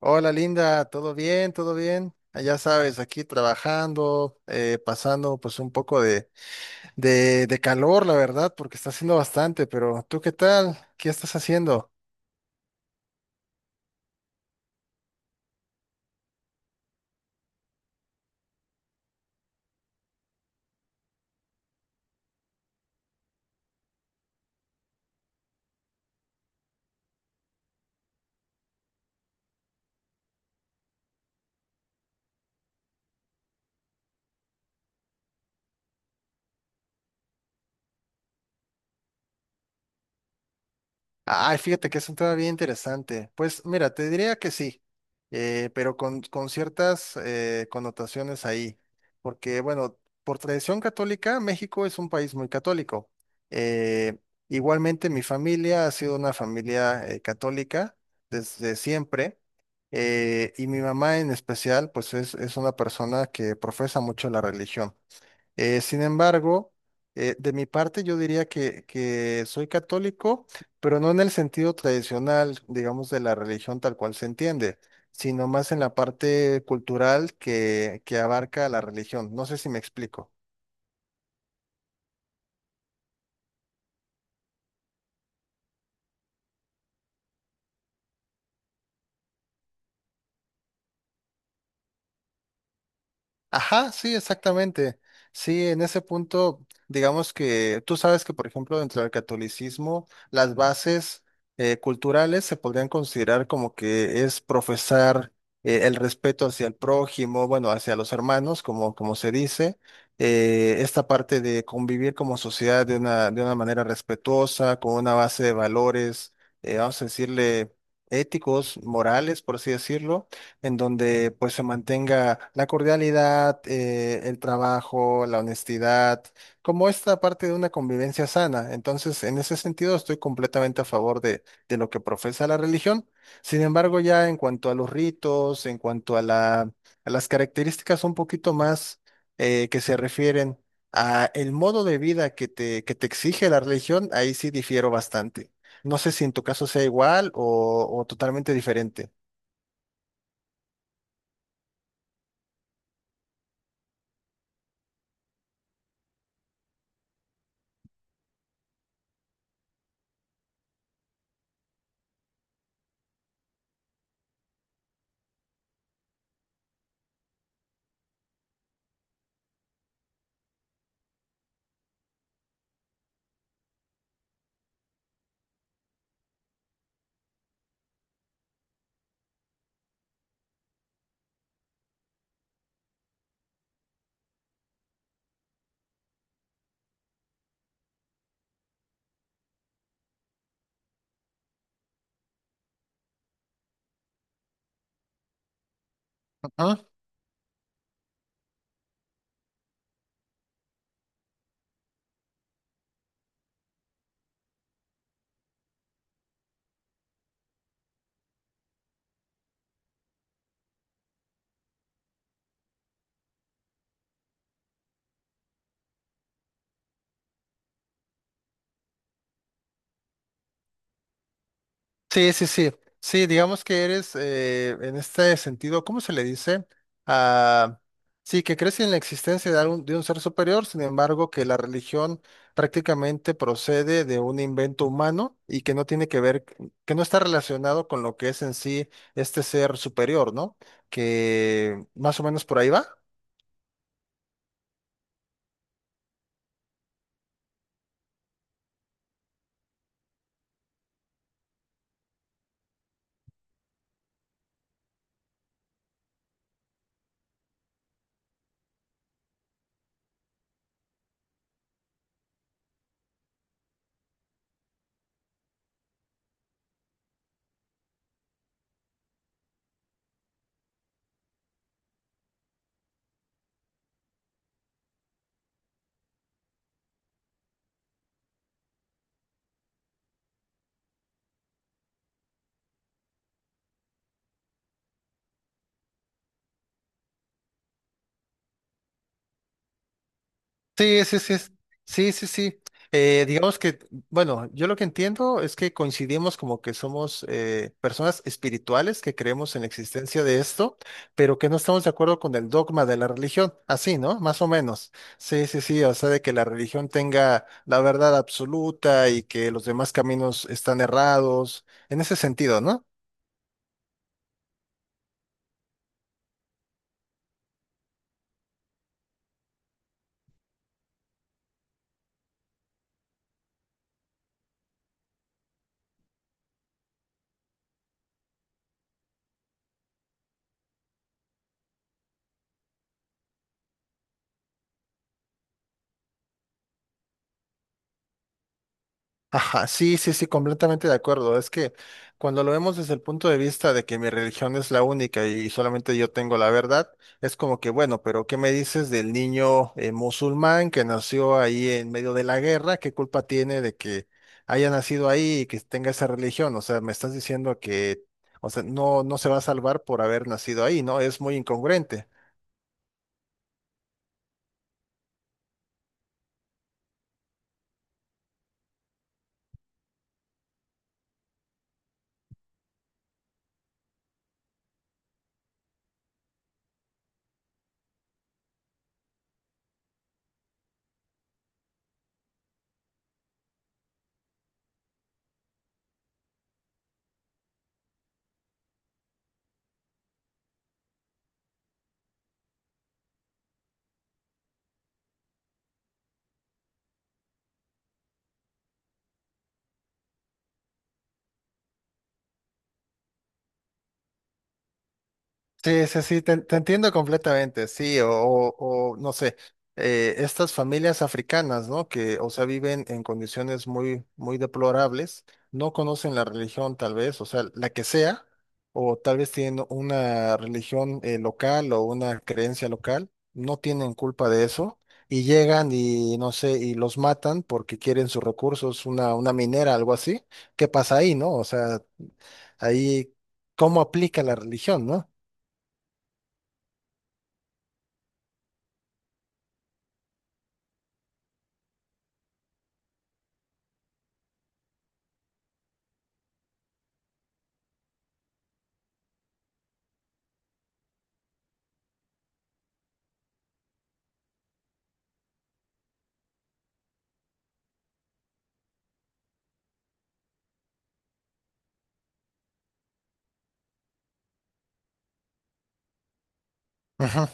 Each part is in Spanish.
Hola Linda, ¿todo bien? ¿Todo bien? Ah, ya sabes, aquí trabajando, pasando pues un poco de calor, la verdad, porque está haciendo bastante, pero ¿tú qué tal? ¿Qué estás haciendo? Ay, fíjate que es un tema bien interesante. Pues mira, te diría que sí, pero con ciertas connotaciones ahí, porque bueno, por tradición católica, México es un país muy católico. Eh, Igualmente, mi familia ha sido una familia católica desde siempre, y mi mamá en especial, pues es una persona que profesa mucho la religión. Sin embargo, de mi parte yo diría que soy católico, pero no en el sentido tradicional, digamos, de la religión tal cual se entiende, sino más en la parte cultural que abarca la religión. No sé si me explico. Ajá, sí, exactamente. Sí, en ese punto, digamos que tú sabes que, por ejemplo, dentro del catolicismo, las bases culturales se podrían considerar como que es profesar el respeto hacia el prójimo, bueno, hacia los hermanos, como se dice, esta parte de convivir como sociedad de de una manera respetuosa, con una base de valores, vamos a decirle, éticos, morales, por así decirlo, en donde pues se mantenga la cordialidad, el trabajo, la honestidad, como esta parte de una convivencia sana. Entonces, en ese sentido, estoy completamente a favor de lo que profesa la religión. Sin embargo, ya en cuanto a los ritos, en cuanto a a las características un poquito más que se refieren a el modo de vida que que te exige la religión, ahí sí difiero bastante. No sé si en tu caso sea igual o totalmente diferente. Sí, sí, sí. Sí, digamos que eres en este sentido, ¿cómo se le dice? Ah, sí, que crees en la existencia de de un ser superior, sin embargo, que la religión prácticamente procede de un invento humano y que no tiene que ver, que no está relacionado con lo que es en sí este ser superior, ¿no? Que más o menos por ahí va. Sí, sí, sí, sí, sí, sí. Digamos que, bueno, yo lo que entiendo es que coincidimos como que somos personas espirituales que creemos en la existencia de esto, pero que no estamos de acuerdo con el dogma de la religión, así, ¿no? Más o menos. Sí, sí, sí, o sea, de que la religión tenga la verdad absoluta y que los demás caminos están errados, en ese sentido, ¿no? Ajá, sí, sí, sí, completamente de acuerdo. Es que cuando lo vemos desde el punto de vista de que mi religión es la única y solamente yo tengo la verdad, es como que, bueno, pero ¿qué me dices del niño musulmán que nació ahí en medio de la guerra? ¿Qué culpa tiene de que haya nacido ahí y que tenga esa religión? O sea, me estás diciendo que, o sea, no, no se va a salvar por haber nacido ahí, ¿no? Es muy incongruente. Sí, sí, sí, te entiendo completamente, sí, o, no sé, estas familias africanas, ¿no? Que, o sea, viven en condiciones muy, muy deplorables, no conocen la religión tal vez, o sea, la que sea, o tal vez tienen una religión local o una creencia local, no tienen culpa de eso, y llegan y, no sé, y los matan porque quieren sus recursos, una minera, algo así, ¿qué pasa ahí, no? O sea, ahí, ¿cómo aplica la religión, no? Ujú.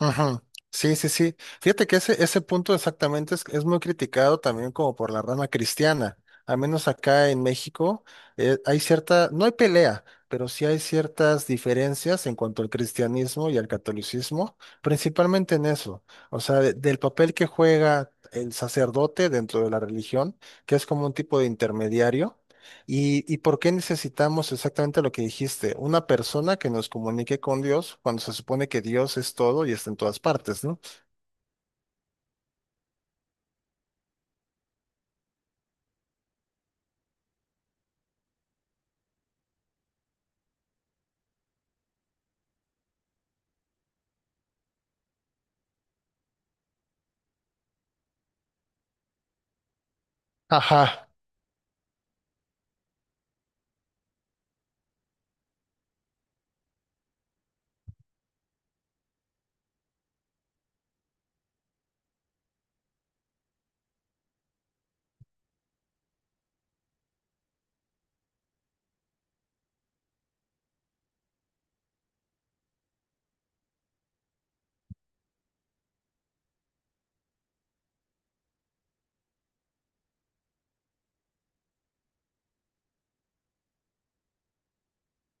Ujú. Sí, sí, sí. Fíjate que ese punto exactamente es muy criticado también como por la rama cristiana. Al menos acá en México hay cierta, no hay pelea, pero sí hay ciertas diferencias en cuanto al cristianismo y al catolicismo, principalmente en eso. O sea, del papel que juega el sacerdote dentro de la religión, que es como un tipo de intermediario. Y por qué necesitamos exactamente lo que dijiste? Una persona que nos comunique con Dios cuando se supone que Dios es todo y está en todas partes, ¿no? Ajá.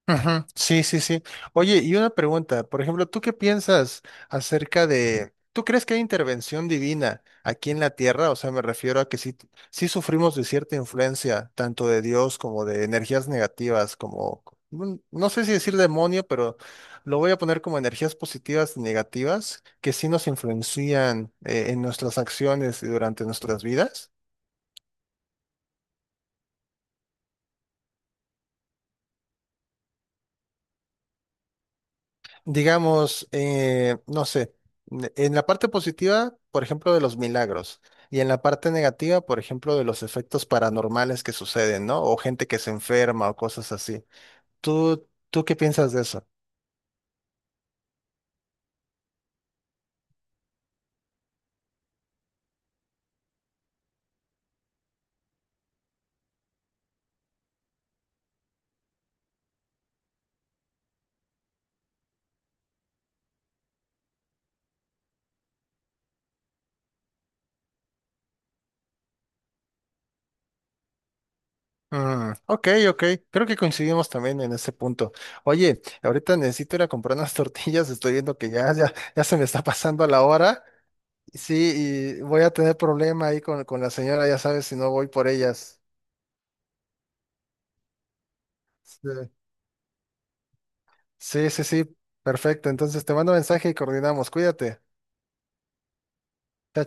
Ujú, sí, sí, sí. Oye, y una pregunta, por ejemplo, ¿tú qué piensas acerca de, ¿tú crees que hay intervención divina aquí en la tierra? O sea, me refiero a que sí, sí sufrimos de cierta influencia, tanto de Dios como de energías negativas, como, mm, no sé si decir demonio, pero lo voy a poner como energías positivas y negativas, que sí nos influencian en nuestras acciones y durante nuestras vidas. Digamos, no sé, en la parte positiva, por ejemplo, de los milagros, y en la parte negativa, por ejemplo, de los efectos paranormales que suceden, ¿no? O gente que se enferma o cosas así. ¿Tú, tú qué piensas de eso? Mm, ok, ok, creo que coincidimos también en ese punto. Oye, ahorita necesito ir a comprar unas tortillas, estoy viendo que ya, ya, ya se me está pasando la hora. Sí, y voy a tener problema ahí con la señora, ya sabes, si no voy por ellas. Sí. Sí, sí, sí, perfecto. Entonces te mando mensaje y coordinamos. Cuídate. Chao,